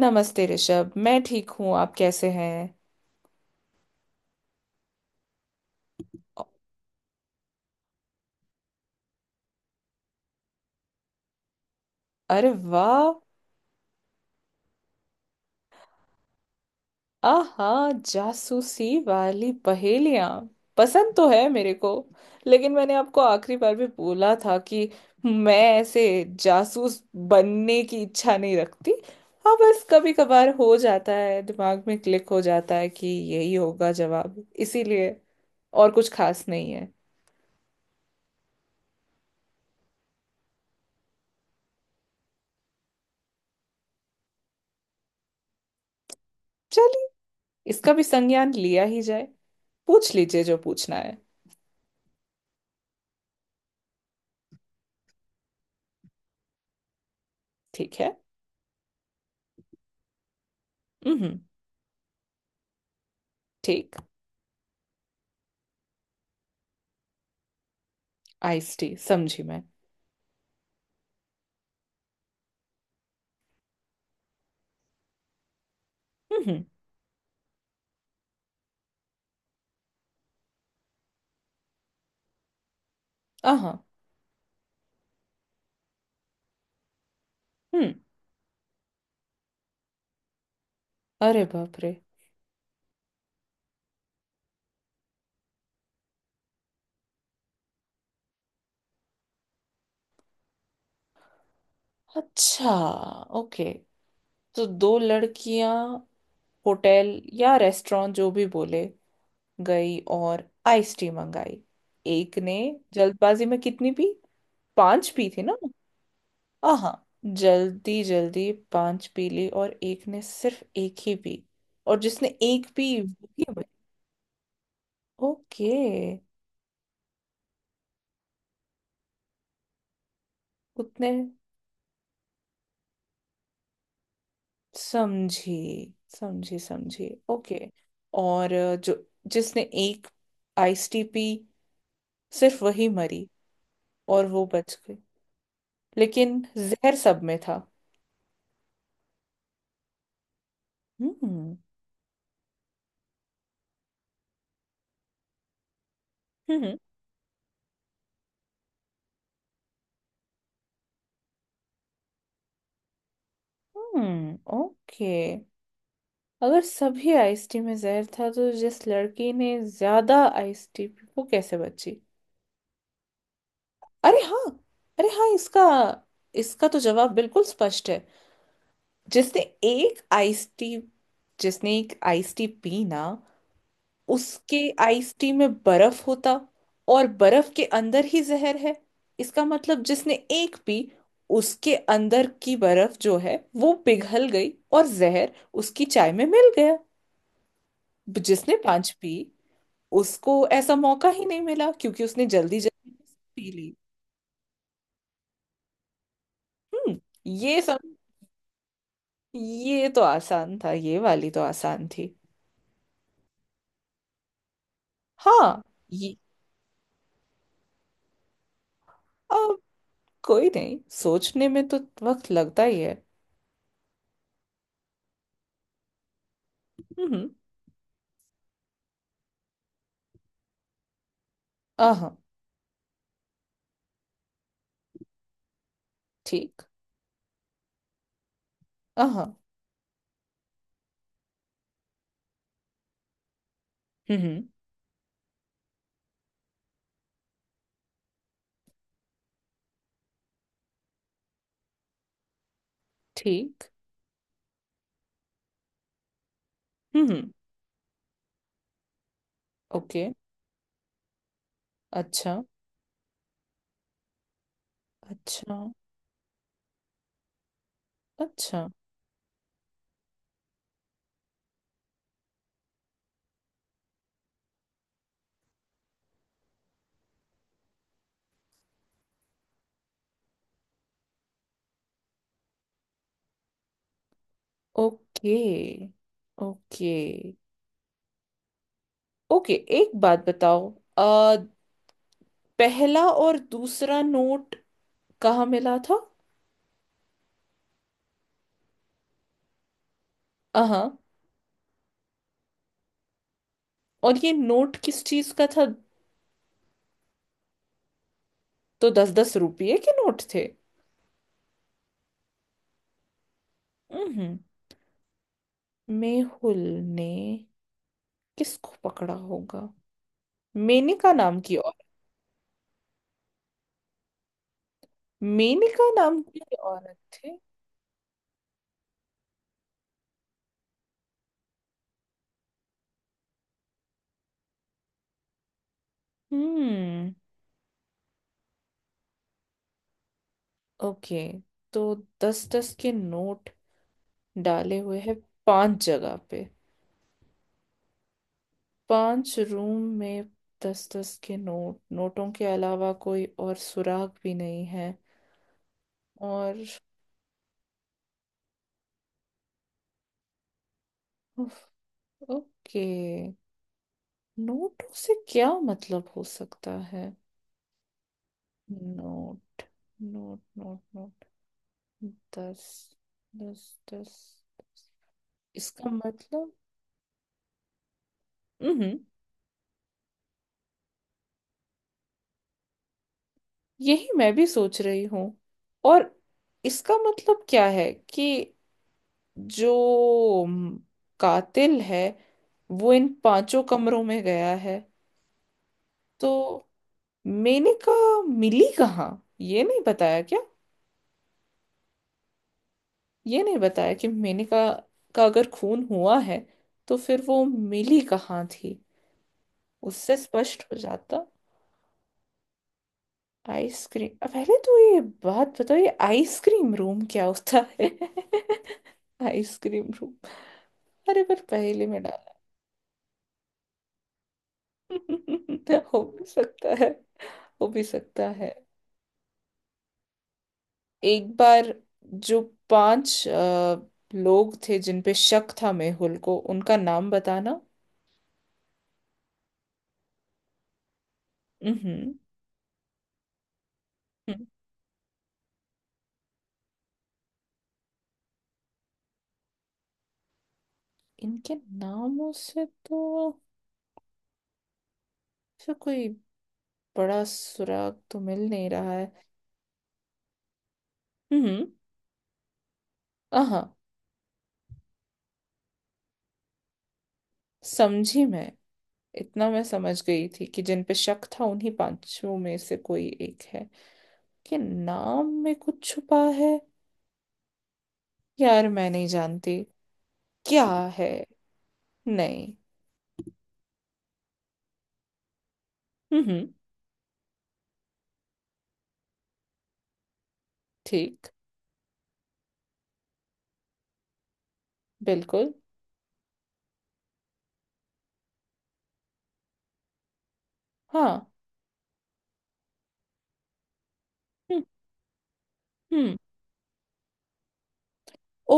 नमस्ते ऋषभ, मैं ठीक हूँ। आप कैसे हैं? अरे वाह। आहा, जासूसी वाली पहेलियाँ पसंद तो है मेरे को, लेकिन मैंने आपको आखिरी बार भी बोला था कि मैं ऐसे जासूस बनने की इच्छा नहीं रखती। हाँ, बस कभी कभार हो जाता है, दिमाग में क्लिक हो जाता है कि यही होगा जवाब, इसीलिए। और कुछ खास नहीं है। चलिए, इसका भी संज्ञान लिया ही जाए। पूछ लीजिए जो पूछना है। ठीक है। हम्म। ठीक। आइस टी समझी मैं। हम्म। हाँ। हम्म। अरे बाप रे। अच्छा। ओके। तो दो लड़कियां होटल या रेस्टोरेंट जो भी बोले गई और आइस टी मंगाई। एक ने जल्दबाजी में कितनी पी? पांच पी थी ना? हाँ। जल्दी जल्दी पांच पी ली और एक ने सिर्फ एक ही पी। और जिसने एक पी वो ही मरी। ओके। उतने समझी, समझी समझी। ओके। और जो जिसने एक आइस टी पी, सिर्फ वही मरी। और वो बच गई, लेकिन जहर सब में था। हम्म। हम्म। हम्म। ओके। अगर सभी आइस टी में जहर था तो जिस लड़की ने ज्यादा आइस टी पी वो कैसे बची? अरे हाँ। अरे हाँ, इसका इसका तो जवाब बिल्कुल स्पष्ट है। जिसने एक आइस टी जिसने एक आइस टी पी ना, उसके आइस टी में बर्फ होता और बर्फ के अंदर ही जहर है। इसका मतलब जिसने एक पी, उसके अंदर की बर्फ जो है वो पिघल गई और जहर उसकी चाय में मिल गया। जिसने पांच पी उसको ऐसा मौका ही नहीं मिला, क्योंकि उसने जल्दी जल्दी पी ली। हम्म। ये सब। ये तो आसान था। ये वाली तो आसान थी। हाँ। ये अब कोई नहीं, सोचने में तो वक्त लगता ही है। हम्म। आहा। ठीक। हाँ। हम्म। ठीक। हम्म। ओके। अच्छा। अच्छा। अच्छा। Okay okay okay. एक बात बताओ, आ, पहला और दूसरा नोट कहाँ मिला था? हाँ। और ये नोट किस चीज का था? तो दस दस रुपये के नोट थे। हम्म। मेहुल ने किसको पकड़ा होगा? मेनका नाम की और मेनका नाम की औरत थे। हम्म। ओके। तो दस दस के नोट डाले हुए हैं पांच जगह पे। पांच रूम में दस दस के नोट। नोटों के अलावा कोई और सुराग भी नहीं है। और उफ। ओके, नोटों से क्या मतलब हो सकता है? Note note note note. दस, दस, दस। इसका मतलब। हम्म। यही मैं भी सोच रही हूँ। और इसका मतलब क्या है कि जो कातिल है वो इन पांचों कमरों में गया है। तो मेनका मिली कहाँ? ये नहीं बताया क्या? ये नहीं बताया कि मेनका का अगर खून हुआ है तो फिर वो मिली कहाँ थी? उससे स्पष्ट हो जाता। आइसक्रीम, अब पहले तो ये बात बताओ, ये आइसक्रीम रूम क्या होता है? Ice cream room. अरे पर पहले में डाला। हो भी सकता है। हो भी सकता है। एक बार जो पांच लोग थे जिन पे शक था मेहुल को, उनका नाम बताना। हम्म। इनके नामों से तो फिर कोई बड़ा सुराग तो मिल नहीं रहा है। हम्म। हाँ। समझी मैं। इतना मैं समझ गई थी कि जिन पे शक था उन्हीं पांचों में से कोई एक है। कि नाम में कुछ छुपा है। यार मैं नहीं जानती क्या है। नहीं। हम्म। ठीक। बिल्कुल। हाँ। हम्म। हम्म। ओ,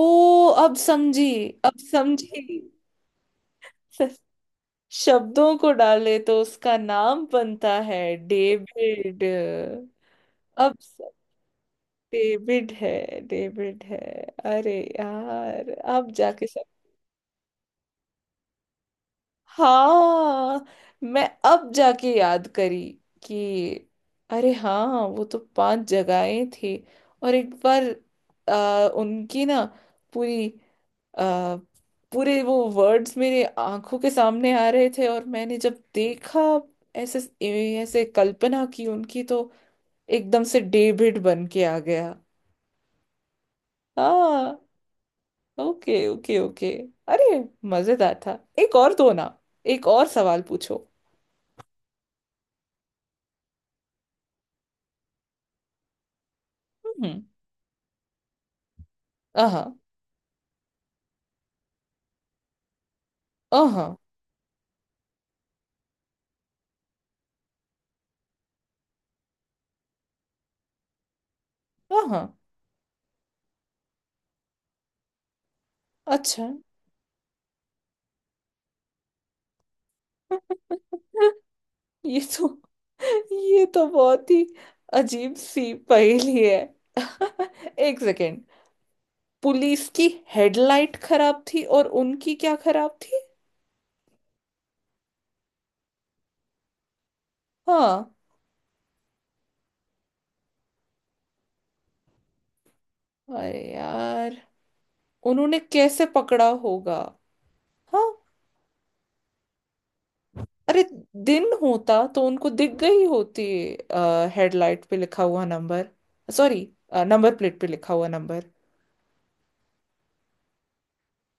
अब समझी। अब समझी, स- शब्दों को डाले तो उसका नाम बनता है डेविड। अब स- डेविड है। डेविड है। अरे यार, अब जाके। हाँ। मैं अब जाके याद करी कि अरे हाँ वो तो पांच जगहें थी। और एक बार उनकी ना पूरी, आ, पूरे वो वर्ड्स मेरे आंखों के सामने आ रहे थे, और मैंने जब देखा ऐसे, ऐसे कल्पना की उनकी तो एकदम से डेविड बन के आ गया। हाँ। Okay okay okay. अरे मजेदार था, एक और दो ना, एक और सवाल पूछो। हम्म। आहा। आहा। आहा। अच्छा, ये तो ये तो बहुत ही अजीब सी पहेली है। एक सेकेंड। पुलिस की हेडलाइट खराब थी और उनकी क्या खराब थी? हाँ। अरे यार, उन्होंने कैसे पकड़ा होगा? हाँ। अरे, दिन होता तो उनको दिख गई होती हेडलाइट पे लिखा हुआ नंबर। सॉरी, नंबर प्लेट पे लिखा हुआ।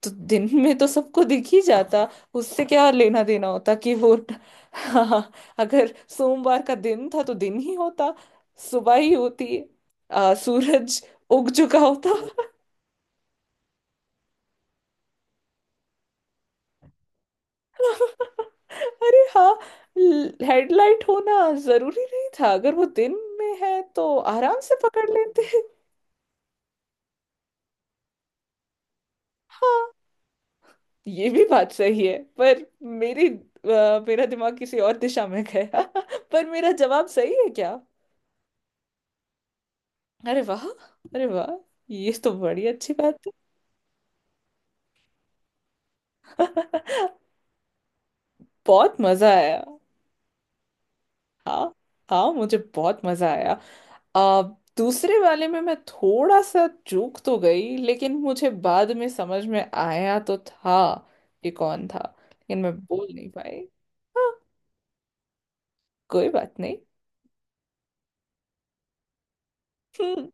तो दिन में तो सबको दिख ही जाता, उससे क्या लेना देना होता कि वो हाँ। अगर सोमवार का दिन था तो दिन ही होता, सुबह ही होती, सूरज उग चुका होता। अरे हाँ, हेडलाइट होना जरूरी नहीं था, अगर वो दिन में है तो आराम से पकड़ लेते। हाँ, ये भी बात सही है, पर मेरी मेरा दिमाग किसी और दिशा में गया। पर मेरा जवाब सही है क्या? अरे वाह, अरे वाह, ये तो बड़ी अच्छी बात है। बहुत मजा आया। हाँ। हाँ मुझे बहुत मजा आया। आ, दूसरे वाले में मैं थोड़ा सा चूक तो गई, लेकिन मुझे बाद में समझ में आया तो था कि कौन था। लेकिन मैं बोल नहीं पाई। हाँ। कोई बात नहीं। हम्म।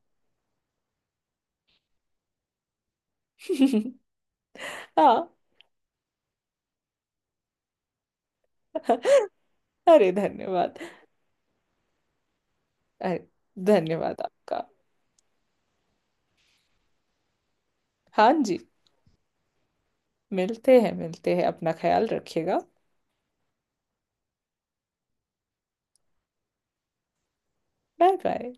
हाँ। अरे धन्यवाद। अरे धन्यवाद आपका। हाँ जी। मिलते हैं, मिलते हैं। अपना ख्याल रखिएगा। Bye bye.